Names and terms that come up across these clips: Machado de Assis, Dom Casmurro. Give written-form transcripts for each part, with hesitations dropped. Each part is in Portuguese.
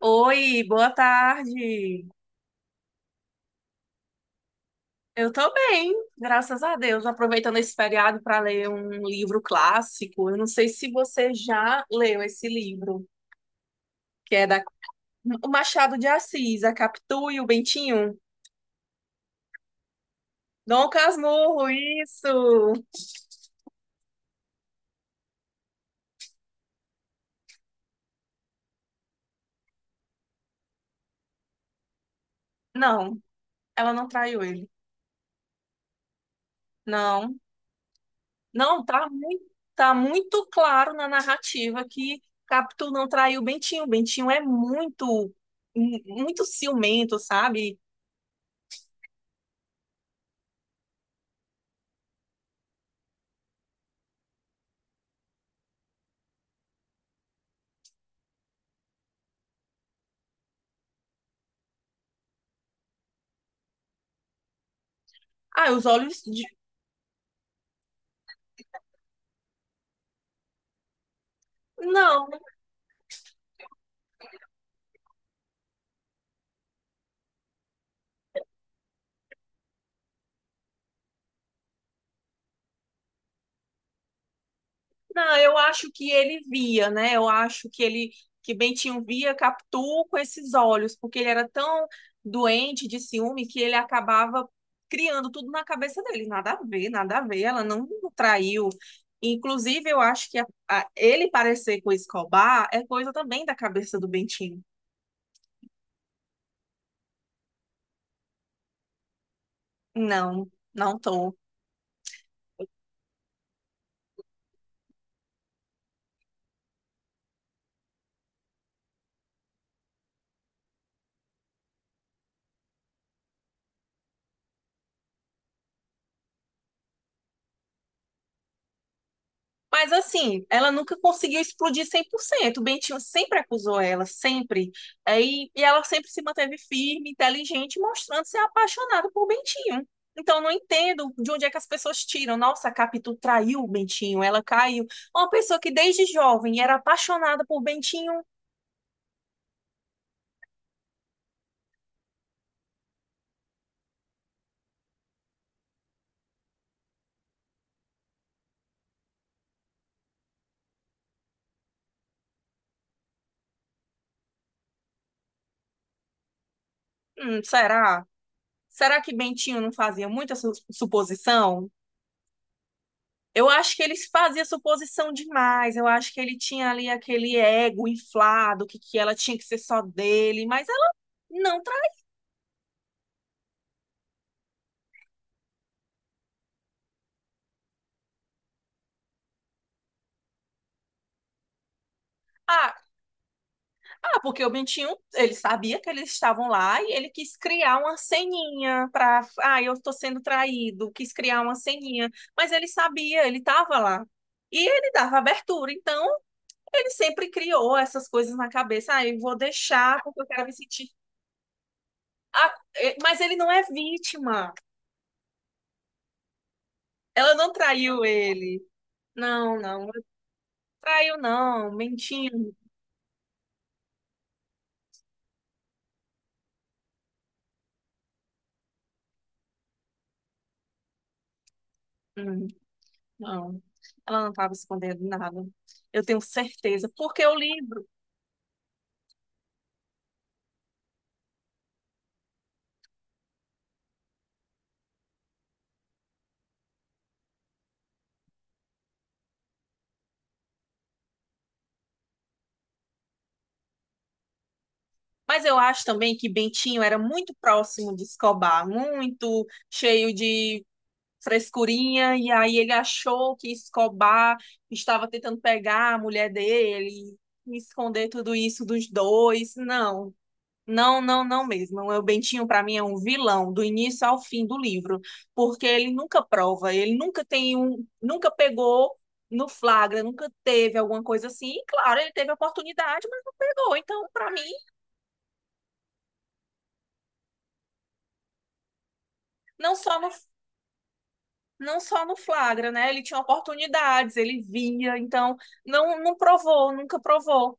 Oi, boa tarde. Eu tô bem, graças a Deus. Aproveitando esse feriado para ler um livro clássico. Eu não sei se você já leu esse livro, que é da o Machado de Assis, A Capitu e o Bentinho. Dom Casmurro, isso. Não, ela não traiu ele. Não, não, tá muito, tá muito claro na narrativa que Capitu não traiu o Bentinho. Bentinho é muito, muito ciumento, sabe? Ah, os olhos. Não, não, eu acho que ele via, né? Eu acho que que Bentinho via Capitu com esses olhos, porque ele era tão doente de ciúme que ele acabava criando tudo na cabeça dele. Nada a ver, nada a ver, ela não traiu. Inclusive, eu acho que ele parecer com o Escobar é coisa também da cabeça do Bentinho. Não, não tô. Mas assim, ela nunca conseguiu explodir 100%. O Bentinho sempre acusou ela, sempre. Aí E, e ela sempre se manteve firme, inteligente, mostrando ser apaixonada por Bentinho. Então, eu não entendo de onde é que as pessoas tiram. Nossa, a Capitu traiu o Bentinho, ela caiu. Uma pessoa que desde jovem era apaixonada por Bentinho. Será? Será que Bentinho não fazia muita suposição? Eu acho que ele fazia suposição demais. Eu acho que ele tinha ali aquele ego inflado, que ela tinha que ser só dele, mas ela não tra... Ah, porque o Bentinho, ele sabia que eles estavam lá e ele quis criar uma ceninha para, ah, eu tô sendo traído, quis criar uma ceninha, mas ele sabia, ele estava lá. E ele dava abertura, então ele sempre criou essas coisas na cabeça. Ah, eu vou deixar porque eu quero me sentir. Ah, mas ele não é vítima. Ela não traiu ele. Não, não traiu, não, mentindo. Hum, Não, ela não estava escondendo nada. Eu tenho certeza, porque eu livro. Mas eu acho também que Bentinho era muito próximo de Escobar, muito cheio de frescurinha, e aí ele achou que Escobar estava tentando pegar a mulher dele e esconder tudo isso dos dois. Não. Não, não mesmo. O Bentinho, para mim, é um vilão do início ao fim do livro, porque ele nunca prova, ele nunca tem um, nunca pegou no flagra, nunca teve alguma coisa assim. E claro, ele teve a oportunidade, mas não pegou. Então, para mim, não só no, não só no flagra, né? Ele tinha oportunidades, ele via, então não, não provou, nunca provou.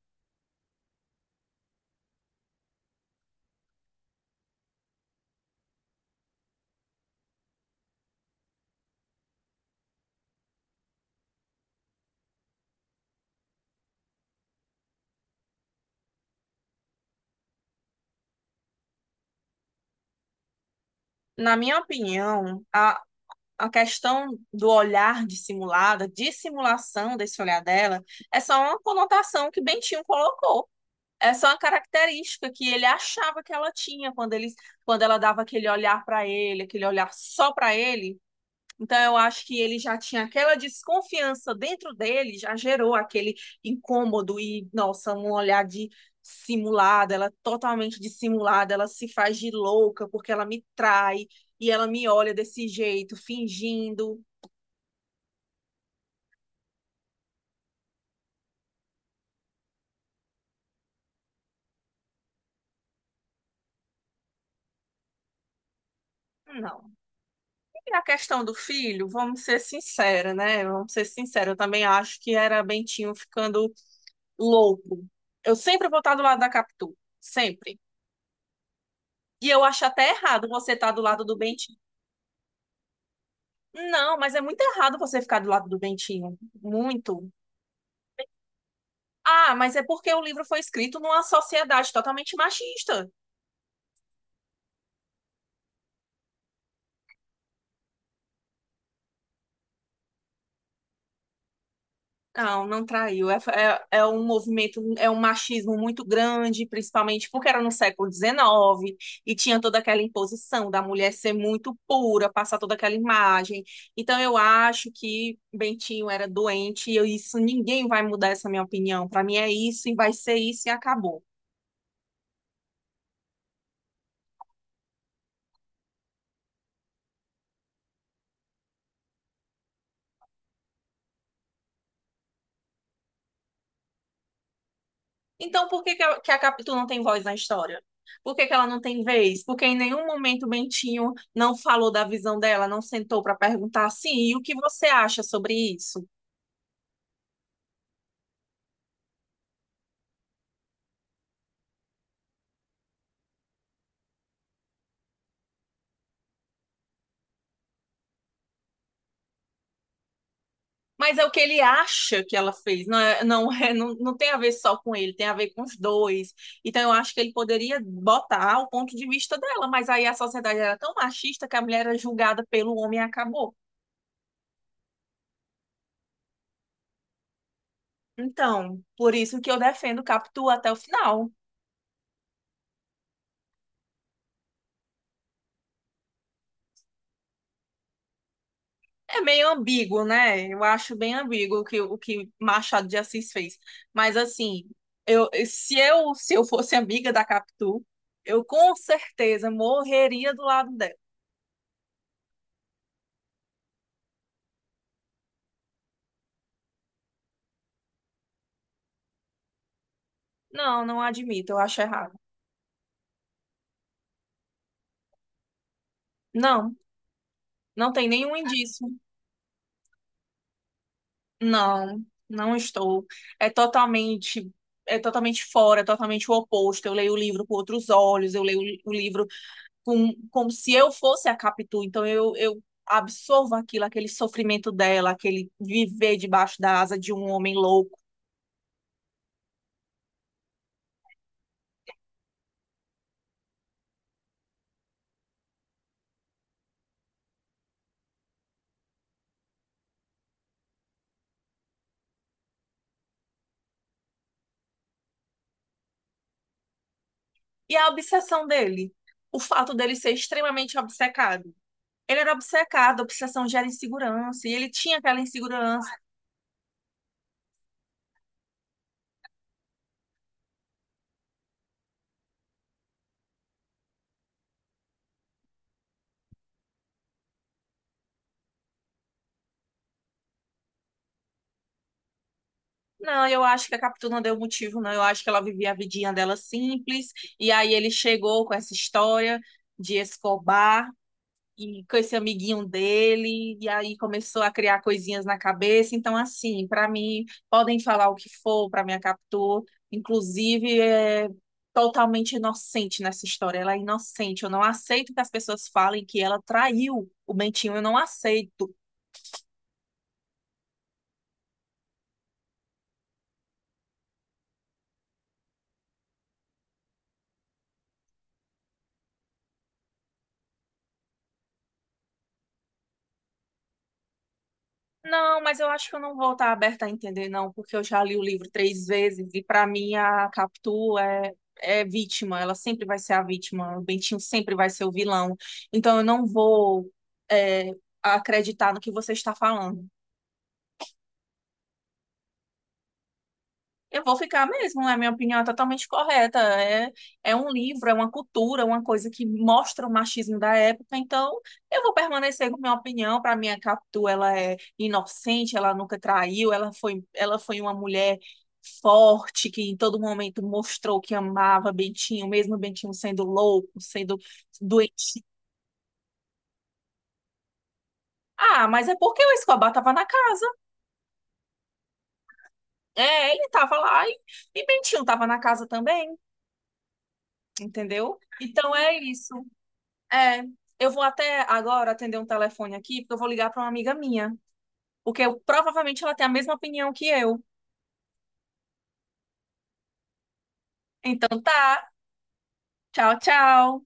Na minha opinião, a questão do olhar dissimulado, dissimulação desse olhar dela, é só uma conotação que Bentinho colocou. É só uma característica que ele achava que ela tinha quando ele, quando ela dava aquele olhar para ele, aquele olhar só para ele, então, eu acho que ele já tinha aquela desconfiança dentro dele, já gerou aquele incômodo e, nossa, um olhar de simulada, ela é totalmente dissimulada, ela se faz de louca porque ela me trai e ela me olha desse jeito, fingindo. Não. E a questão do filho, vamos ser sinceros, né? Vamos ser sinceros, eu também acho que era Bentinho ficando louco. Eu sempre vou estar do lado da Capitu, sempre. E eu acho até errado você estar do lado do Bentinho. Não, mas é muito errado você ficar do lado do Bentinho. Muito. Ah, mas é porque o livro foi escrito numa sociedade totalmente machista. Não, não traiu. É um movimento, é um machismo muito grande, principalmente porque era no século XIX e tinha toda aquela imposição da mulher ser muito pura, passar toda aquela imagem. Então eu acho que Bentinho era doente e isso ninguém vai mudar essa minha opinião. Para mim é isso e vai ser isso e acabou. Então, por que que que a Capitu não tem voz na história? Por que que ela não tem vez? Porque em nenhum momento o Bentinho não falou da visão dela, não sentou para perguntar assim, e o que você acha sobre isso? Mas é o que ele acha que ela fez, não, é, não, é, não, não tem a ver só com ele, tem a ver com os dois. Então eu acho que ele poderia botar o ponto de vista dela, mas aí a sociedade era tão machista que a mulher era julgada pelo homem e acabou. Então, por isso que eu defendo Capitu até o final. É meio ambíguo, né? Eu acho bem ambíguo o que Machado de Assis fez. Mas assim, se eu fosse amiga da Capitu, eu com certeza morreria do lado dela. Não, não admito, eu acho errado. Não, não tem nenhum indício. Não, não estou. É totalmente, é totalmente fora, é totalmente o oposto. Eu leio o livro com outros olhos, eu leio o livro com, como se eu fosse a Capitu. Então eu absorvo aquilo, aquele sofrimento dela, aquele viver debaixo da asa de um homem louco. E a obsessão dele, o fato dele ser extremamente obcecado. Ele era obcecado, a obsessão gera insegurança, e ele tinha aquela insegurança. Não, eu acho que a Capitu não deu motivo, não. Eu acho que ela vivia a vidinha dela simples, e aí ele chegou com essa história de Escobar, e com esse amiguinho dele, e aí começou a criar coisinhas na cabeça. Então, assim, para mim, podem falar o que for para minha Capitu, inclusive é totalmente inocente nessa história. Ela é inocente. Eu não aceito que as pessoas falem que ela traiu o Bentinho, eu não aceito. Não, mas eu acho que eu não vou estar aberta a entender, não, porque eu já li o livro 3 vezes e para mim a Capitu é vítima, ela sempre vai ser a vítima, o Bentinho sempre vai ser o vilão. Então eu não vou é, acreditar no que você está falando. Eu vou ficar mesmo, né? Minha opinião é totalmente correta. É, é um livro, é uma cultura, uma coisa que mostra o machismo da época. Então, eu vou permanecer com minha opinião. Para mim, a Capitu, ela é inocente, ela nunca traiu, ela foi uma mulher forte, que em todo momento mostrou que amava Bentinho, mesmo Bentinho sendo louco, sendo doente. Ah, mas é porque o Escobar estava na casa. É, ele estava e Bentinho estava na casa também, entendeu? Então é isso. É, eu vou até agora atender um telefone aqui, porque eu vou ligar para uma amiga minha, porque provavelmente ela tem a mesma opinião que eu. Então tá, tchau, tchau.